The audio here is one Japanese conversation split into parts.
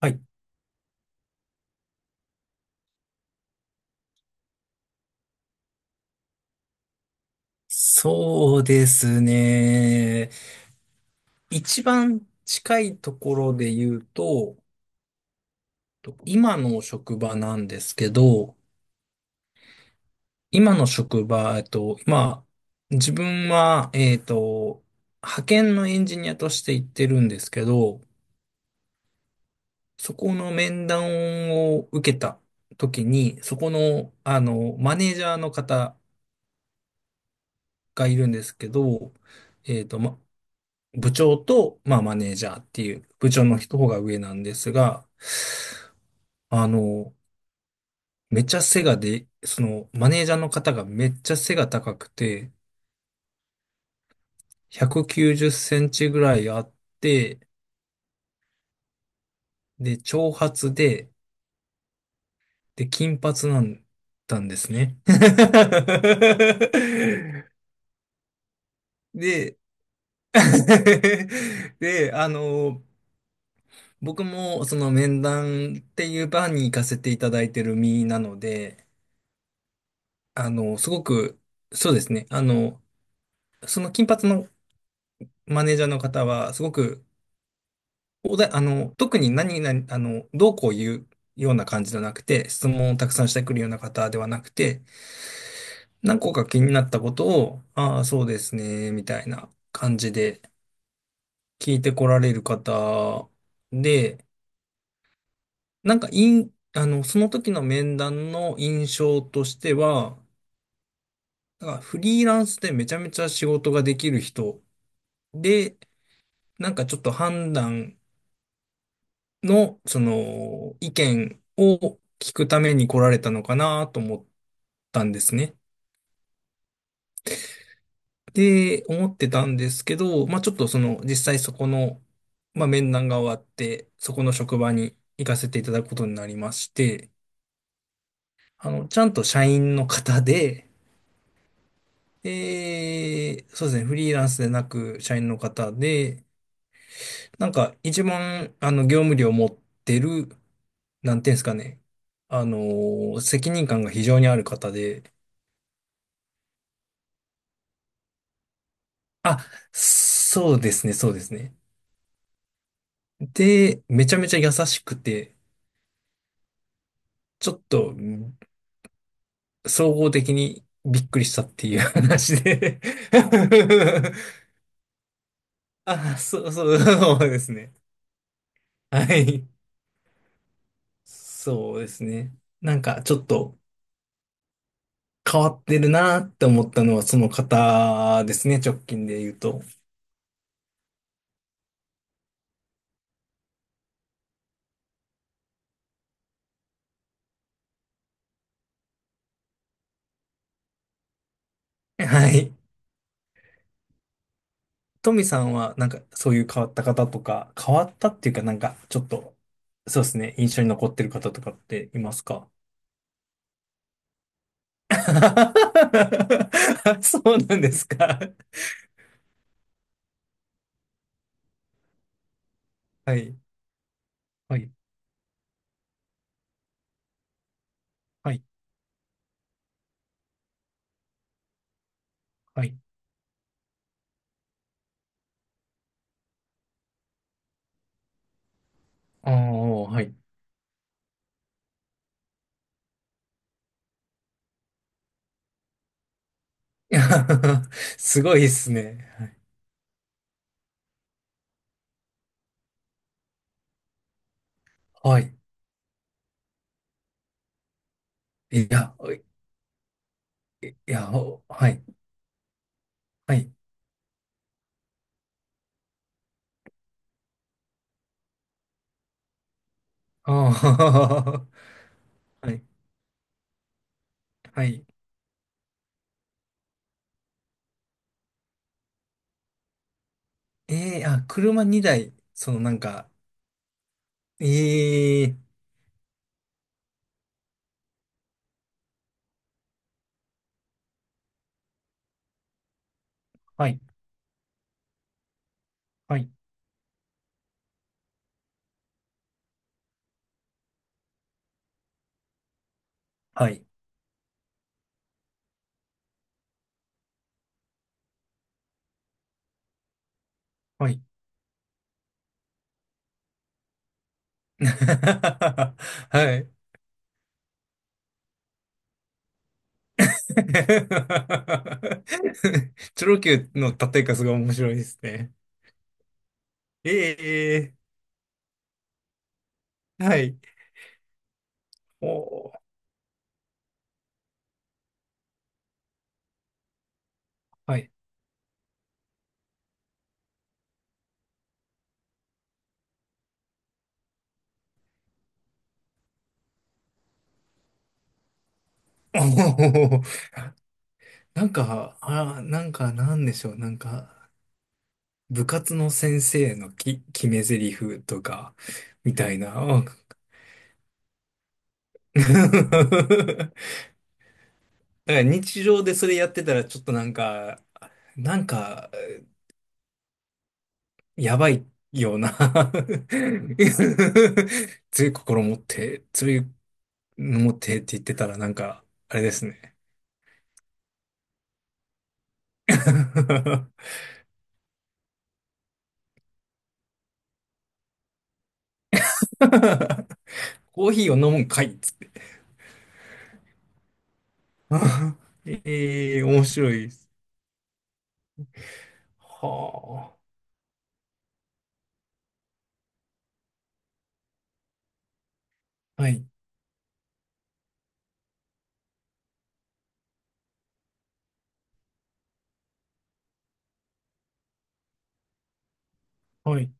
はい、そうですね。一番近いところで言うと、今の職場なんですけど、今の職場、まあ、自分は、派遣のエンジニアとして行ってるんですけど、そこの面談を受けた時に、そこの、マネージャーの方がいるんですけど、えっと、ま部長と、まあ、マネージャーっていう部長の人が上なんですが、あの、めっちゃ背がで、その、マネージャーの方がめっちゃ背が高くて、190センチぐらいあって、で、長髪で、金髪なんだんですね。で、で、僕もその面談っていう場に行かせていただいてる身なので、すごく、そうですね。その金髪のマネージャーの方は、すごく、おだ、あの、特に何々、どうこう言うような感じじゃなくて、質問をたくさんしてくるような方ではなくて、何個か気になったことを、ああ、そうですね、みたいな感じで聞いてこられる方で、なんか、いん、あの、その時の面談の印象としては、なんかフリーランスでめちゃめちゃ仕事ができる人で、なんかちょっと判断の、意見を聞くために来られたのかなと思ったんですね。で、思ってたんですけど、まあちょっと実際そこの、まあ面談が終わって、そこの職場に行かせていただくことになりまして、ちゃんと社員の方で、で、そうですね、フリーランスでなく社員の方で、なんか、一番、業務量を持ってる、なんていうんですかね。あの責任感が非常にある方で、あ、そうですね、そうですね。で、めちゃめちゃ優しくて、ちょっと、総合的にびっくりしたっていう話で。 あ、そう、そう、そうですね。はい。そうですね。なんか、ちょっと変わってるなって思ったのは、その方ですね、直近で言うと。はい。トミさんは、なんか、そういう変わった方とか、変わったっていうか、なんか、ちょっと、そうですね、印象に残ってる方とかっていますか？ そうなんですか。はい、はい、はい、はい。ああ、はい。すごいですね。はい。いや、いや、おはい、はい。ああ、はい、はい。ええあ、車2台、なんか、ええはい、はい、はい。はい。 はい。チョロ Q の立て数が面白いですね。ええはい。おー、はい。おー、なんか、なんか、なんでしょう。なんか、部活の先生の決め台詞とか、みたいな。あ。 だから日常でそれやってたら、ちょっとなんか、なんか、やばいような。 強い心持って、強いの持ってって言ってたらなんか、あれですね。 コーヒーを飲むんかいっつって。 ええ面白いです。はあ。はい。はい。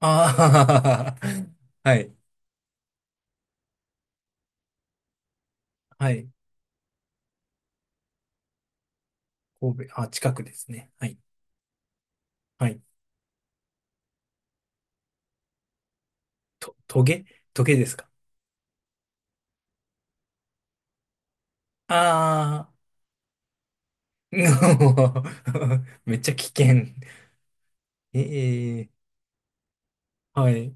ああ。はい。はい。神戸。あ、近くですね。はい。はい。トゲトゲですか？ああー。めっちゃ危険。ええはい。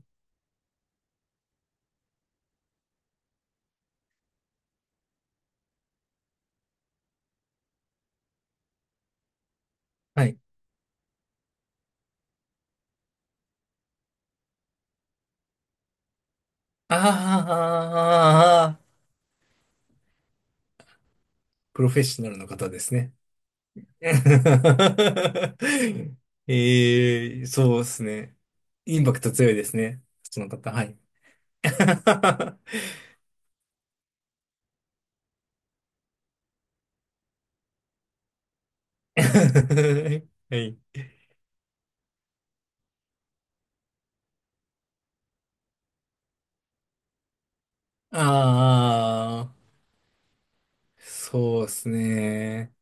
はい。ああ、プロフェッショナルの方ですね。ええ、そうですね。インパクト強いですね。その方、はい。はい。ああ、そうですね。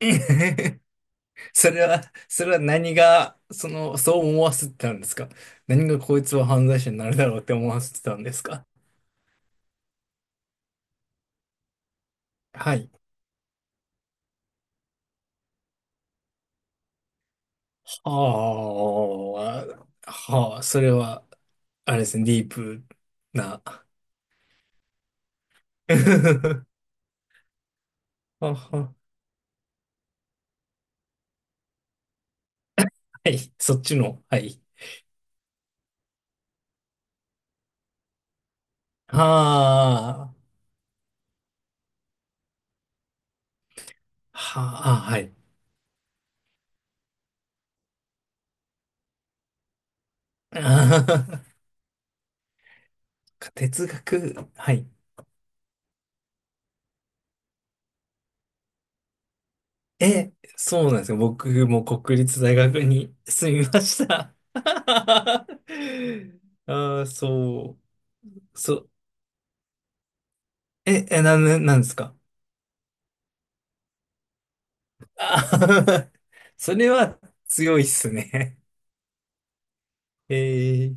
それは、それは、何が、そう思わせてたんですか？何がこいつは犯罪者になるだろうって思わせてたんですか？はい。ああ、はあ、それは、あれですね、ディープな。はは、はい、そっちの、はい。はあ、はあ、はい。あ哲学、はい。え、そうなんですよ。僕も国立大学に住みました。ああ、そう、そう。ななんですか？あーそれは強いっすね。えー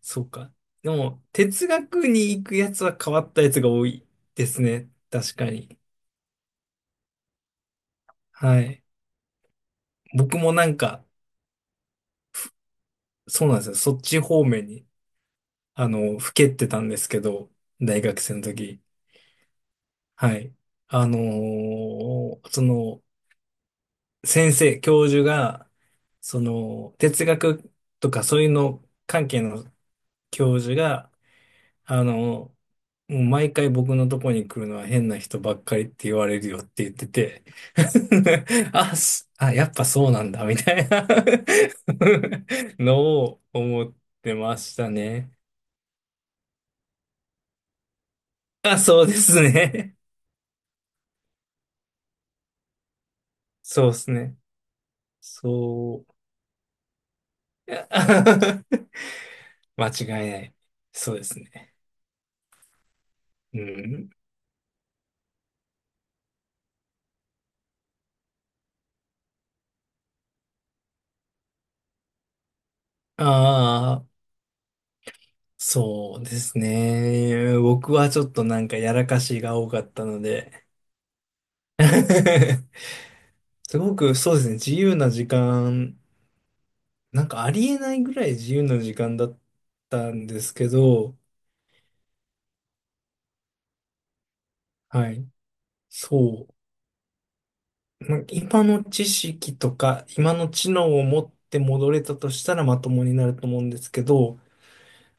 そうか。でも、哲学に行くやつは変わったやつが多いですね。確かに。はい。僕もなんか、そうなんですよ。そっち方面に、ふけってたんですけど、大学生の時。はい。あのーその、先生、教授が、その、哲学とかそういうの関係の教授が、あの、もう毎回僕のとこに来るのは変な人ばっかりって言われるよって言ってて、あ、やっぱそうなんだ、みたいな。 のを思ってましたね。あ、そうですね。そうですね。そう。いや。 間違いない。そうですね。うん。ああ、そうですね。僕はちょっとなんかやらかしが多かったので。 すごくそうですね、自由な時間、なんかありえないぐらい自由な時間だったんですけど、はい、そう。なんか今の知識とか、今の知能を持って戻れたとしたらまともになると思うんですけど、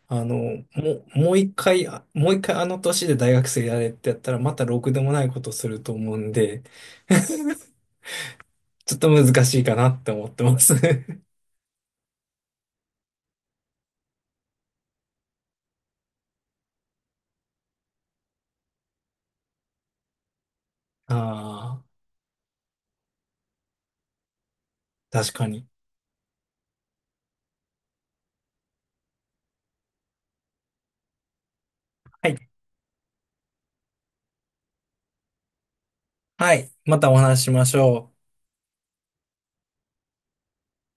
あの、ももう一回あの年で大学生やれってやったらまたろくでもないことすると思うんで、ちょっと難しいかなって思ってます。 ああ、確かに。はい。はい。またお話ししましょう。